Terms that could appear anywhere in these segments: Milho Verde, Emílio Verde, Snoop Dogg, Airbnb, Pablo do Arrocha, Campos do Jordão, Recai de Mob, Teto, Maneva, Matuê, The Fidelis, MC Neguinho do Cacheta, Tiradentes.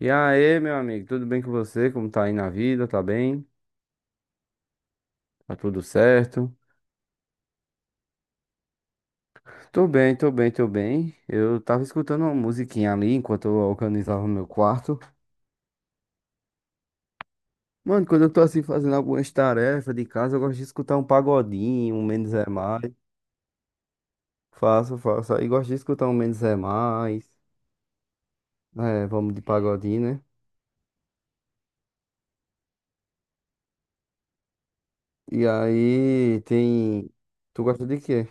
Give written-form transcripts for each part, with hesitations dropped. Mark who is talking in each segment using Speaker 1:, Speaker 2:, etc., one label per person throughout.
Speaker 1: E aí, meu amigo, tudo bem com você? Como tá aí na vida? Tá bem? Tá tudo certo? Tô bem, tô bem, tô bem. Eu tava escutando uma musiquinha ali enquanto eu organizava meu quarto. Mano, quando eu tô assim fazendo algumas tarefas de casa, eu gosto de escutar um pagodinho, um Menos é Mais. Faço, faço. Aí gosto de escutar um Menos é Mais. É, vamos de pagodinho, né? E aí tem. Tu gosta de quê?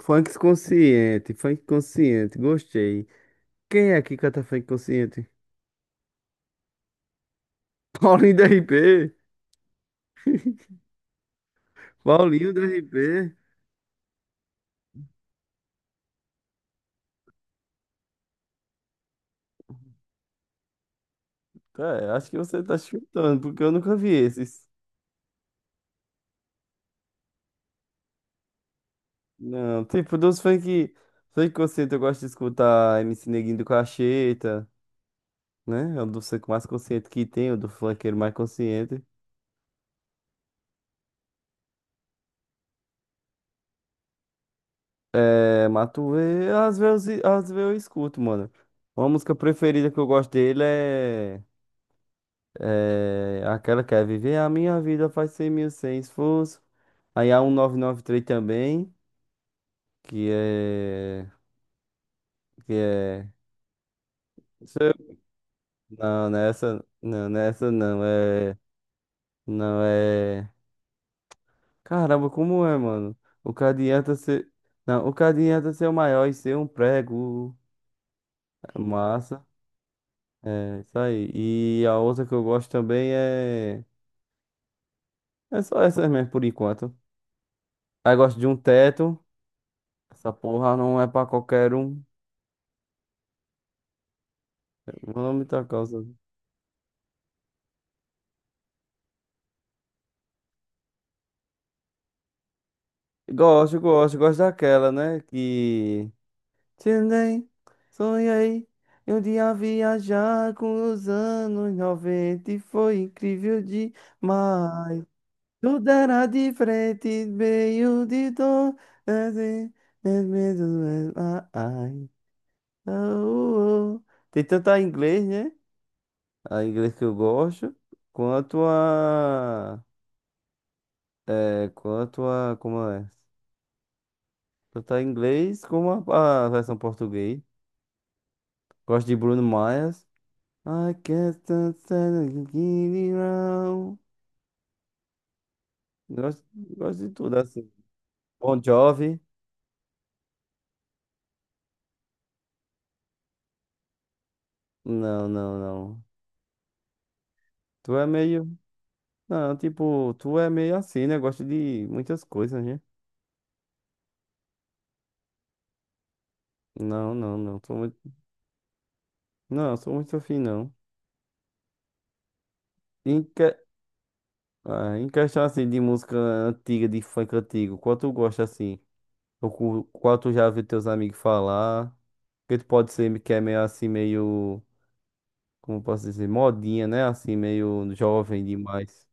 Speaker 1: Funk consciente, gostei. Quem é que canta funk consciente? Paulinho do RP. Paulinho do RP. Cara, acho que você tá chutando, porque eu nunca vi esses. Não, tipo, funk consciente eu gosto de escutar MC Neguinho do Cacheta, né? É o do funk mais consciente que tem, o do funkeiro mais consciente. É, Matuê, às vezes eu escuto, mano. Uma música preferida que eu gosto dele é aquela que é Viver a Minha Vida faz 100 mil sem esforço. Aí a 1993 também, que é. que é. Isso eu- Não, nessa. Não, nessa não. É. Não é. Caramba, como é, mano? O que adianta ser. Não, o que adianta ser o maior e ser um prego. É Massa. É, isso aí. E a outra que eu gosto também é. É só essas mesmo, por enquanto. Aí gosto de um teto. Essa porra não é pra qualquer um. Vamos tá causa. Gosto, gosto, gosto daquela, né? Que. Tendei, sonhei. Eu um dia viajar com os anos 90 e foi incrível demais. Tudo era diferente, meio de dor. É, é, é, medo, é, ah, ai, ah. Tem tanto a inglês, né? A inglês que eu gosto, quanto a. É, quanto a. Como é? Tanto a inglês como a versão português. Gosto de Bruno Mars. I can't stand it around. Gosto, gosto de tudo, assim. Bon Jovi? Não, não, não. Tu é meio. Não, tipo, tu é meio assim, né? Gosta de muitas coisas, né? Não, não, não. Sou muito... Não, sou muito afim, não. Em, que... Ah, em questão, assim, de música antiga, de funk antigo, qual tu gosta, assim? Ou qual tu já viu teus amigos falar? Que tu pode ser que é meio assim, meio. Como eu posso dizer? Modinha, né? Assim, meio jovem demais.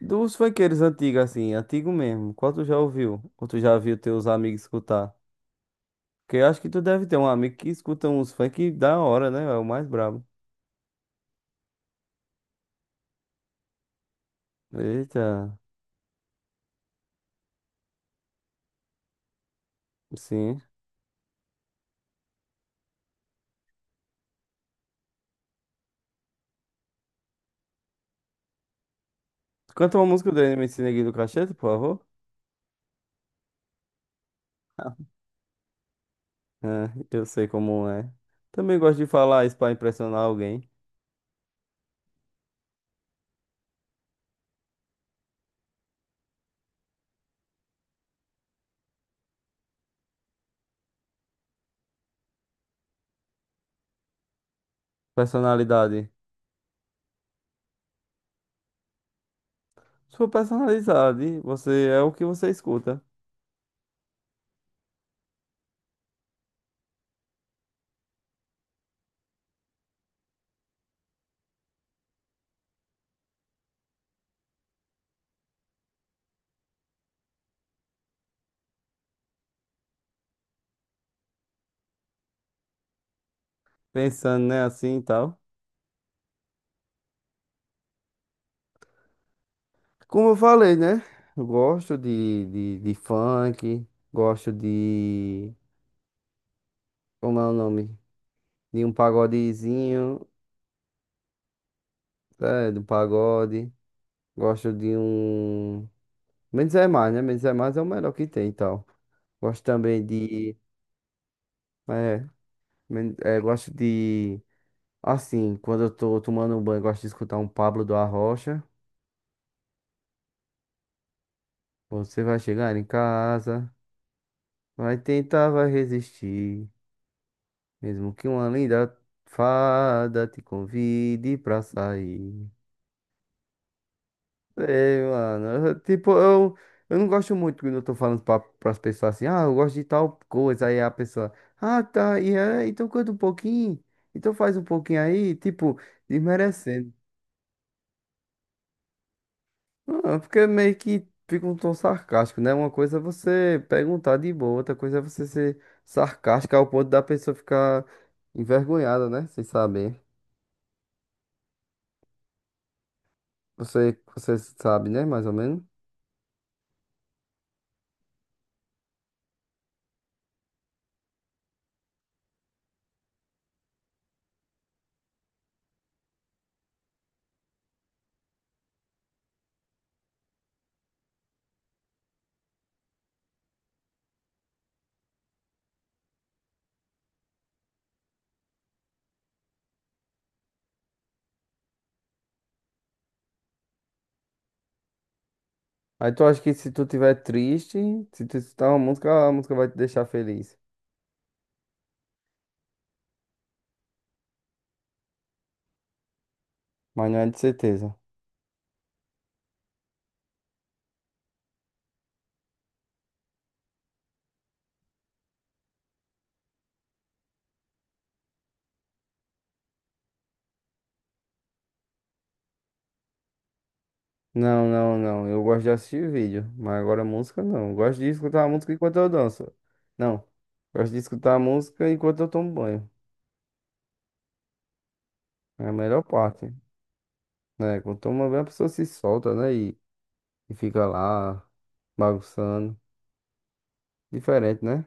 Speaker 1: Dos funkeiros antigos, assim, antigo mesmo. Qual tu já ouviu? Ou tu já viu teus amigos escutar? Porque eu acho que tu deve ter um amigo que escuta uns funk da hora, né? É o mais brabo. Eita, sim. Canta uma música do MC Neguinho do Cachete, por favor. É, eu sei como é. Também gosto de falar isso pra impressionar alguém. Personalidade. Sua personalidade, você é o que você escuta. Pensando, né, assim e tal. Como eu falei, né? Eu gosto de funk, gosto de. Como é o nome? De um pagodezinho, é, do pagode. Gosto de um. Menos é mais, né? Menos é mais é o melhor que tem e tal. Gosto também de. É, gosto de. Assim, quando eu tô tomando um banho, gosto de escutar um Pablo do Arrocha. Você vai chegar em casa, vai tentar, vai resistir. Mesmo que uma linda fada te convide pra sair. Sei, mano. Tipo, eu não gosto muito quando eu tô falando pras pessoas assim, ah, eu gosto de tal coisa. Aí a pessoa, ah, tá, e é, então canta um pouquinho. Então faz um pouquinho aí, tipo, desmerecendo. Ah, porque meio que fica um tom sarcástico, né? Uma coisa é você perguntar de boa, outra coisa é você ser sarcástica ao ponto da pessoa ficar envergonhada, né? Sem saber. Você sabe, né? Mais ou menos. Aí tu acha que se tu tiver triste, se tu escutar uma música, a música vai te deixar feliz. Mas não é de certeza. Não, não, não. Eu gosto de assistir vídeo, mas agora música não. Eu gosto de escutar a música enquanto eu danço. Não. Gosto de escutar a música enquanto eu tomo banho. É a melhor parte, né? Quando toma banho, a pessoa se solta, né? E fica lá bagunçando. Diferente, né?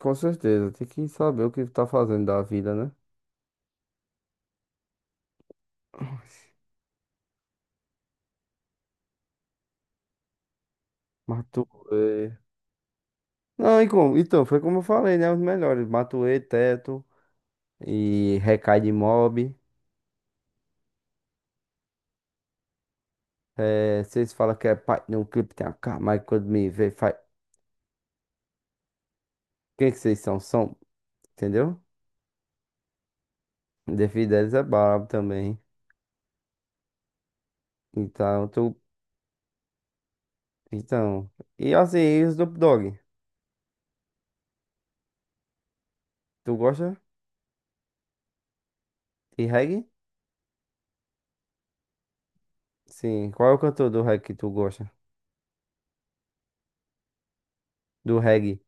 Speaker 1: Com certeza. Tem que saber o que tá fazendo da vida, né? Mas tu, é, Não, então, foi como eu falei, né? Os melhores. Matuê, Teto e Recai de Mob. É, vocês falam que é pai de um clipe, tem a cara, quando me vê, faz. Quem que vocês são? São, entendeu? The Fidelis é brabo também. Então, tu. Então. E assim, e o Snoop Dogg? Tu gosta de reggae? Sim. Qual é o cantor do reggae que tu gosta? Do reggae.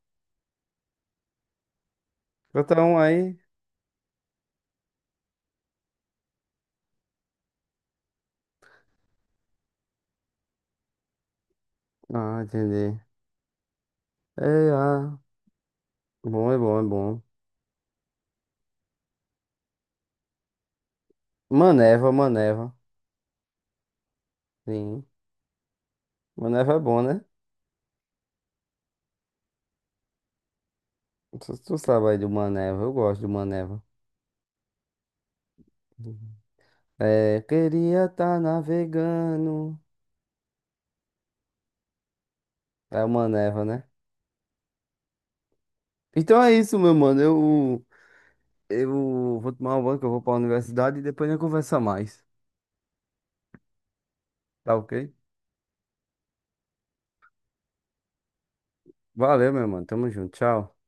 Speaker 1: Canta um aí. Ah, entendi. É, ah. Bom, é bom, é bom. Maneva, Maneva. Sim. Maneva é bom, né? Tu sabe aí de uma Maneva, eu gosto do Maneva. É, queria tá navegando. É uma Maneva, né? Então é isso, meu mano. Eu vou tomar um banho que eu vou pra universidade e depois a gente conversa mais. Tá ok? Valeu, meu mano. Tamo junto. Tchau.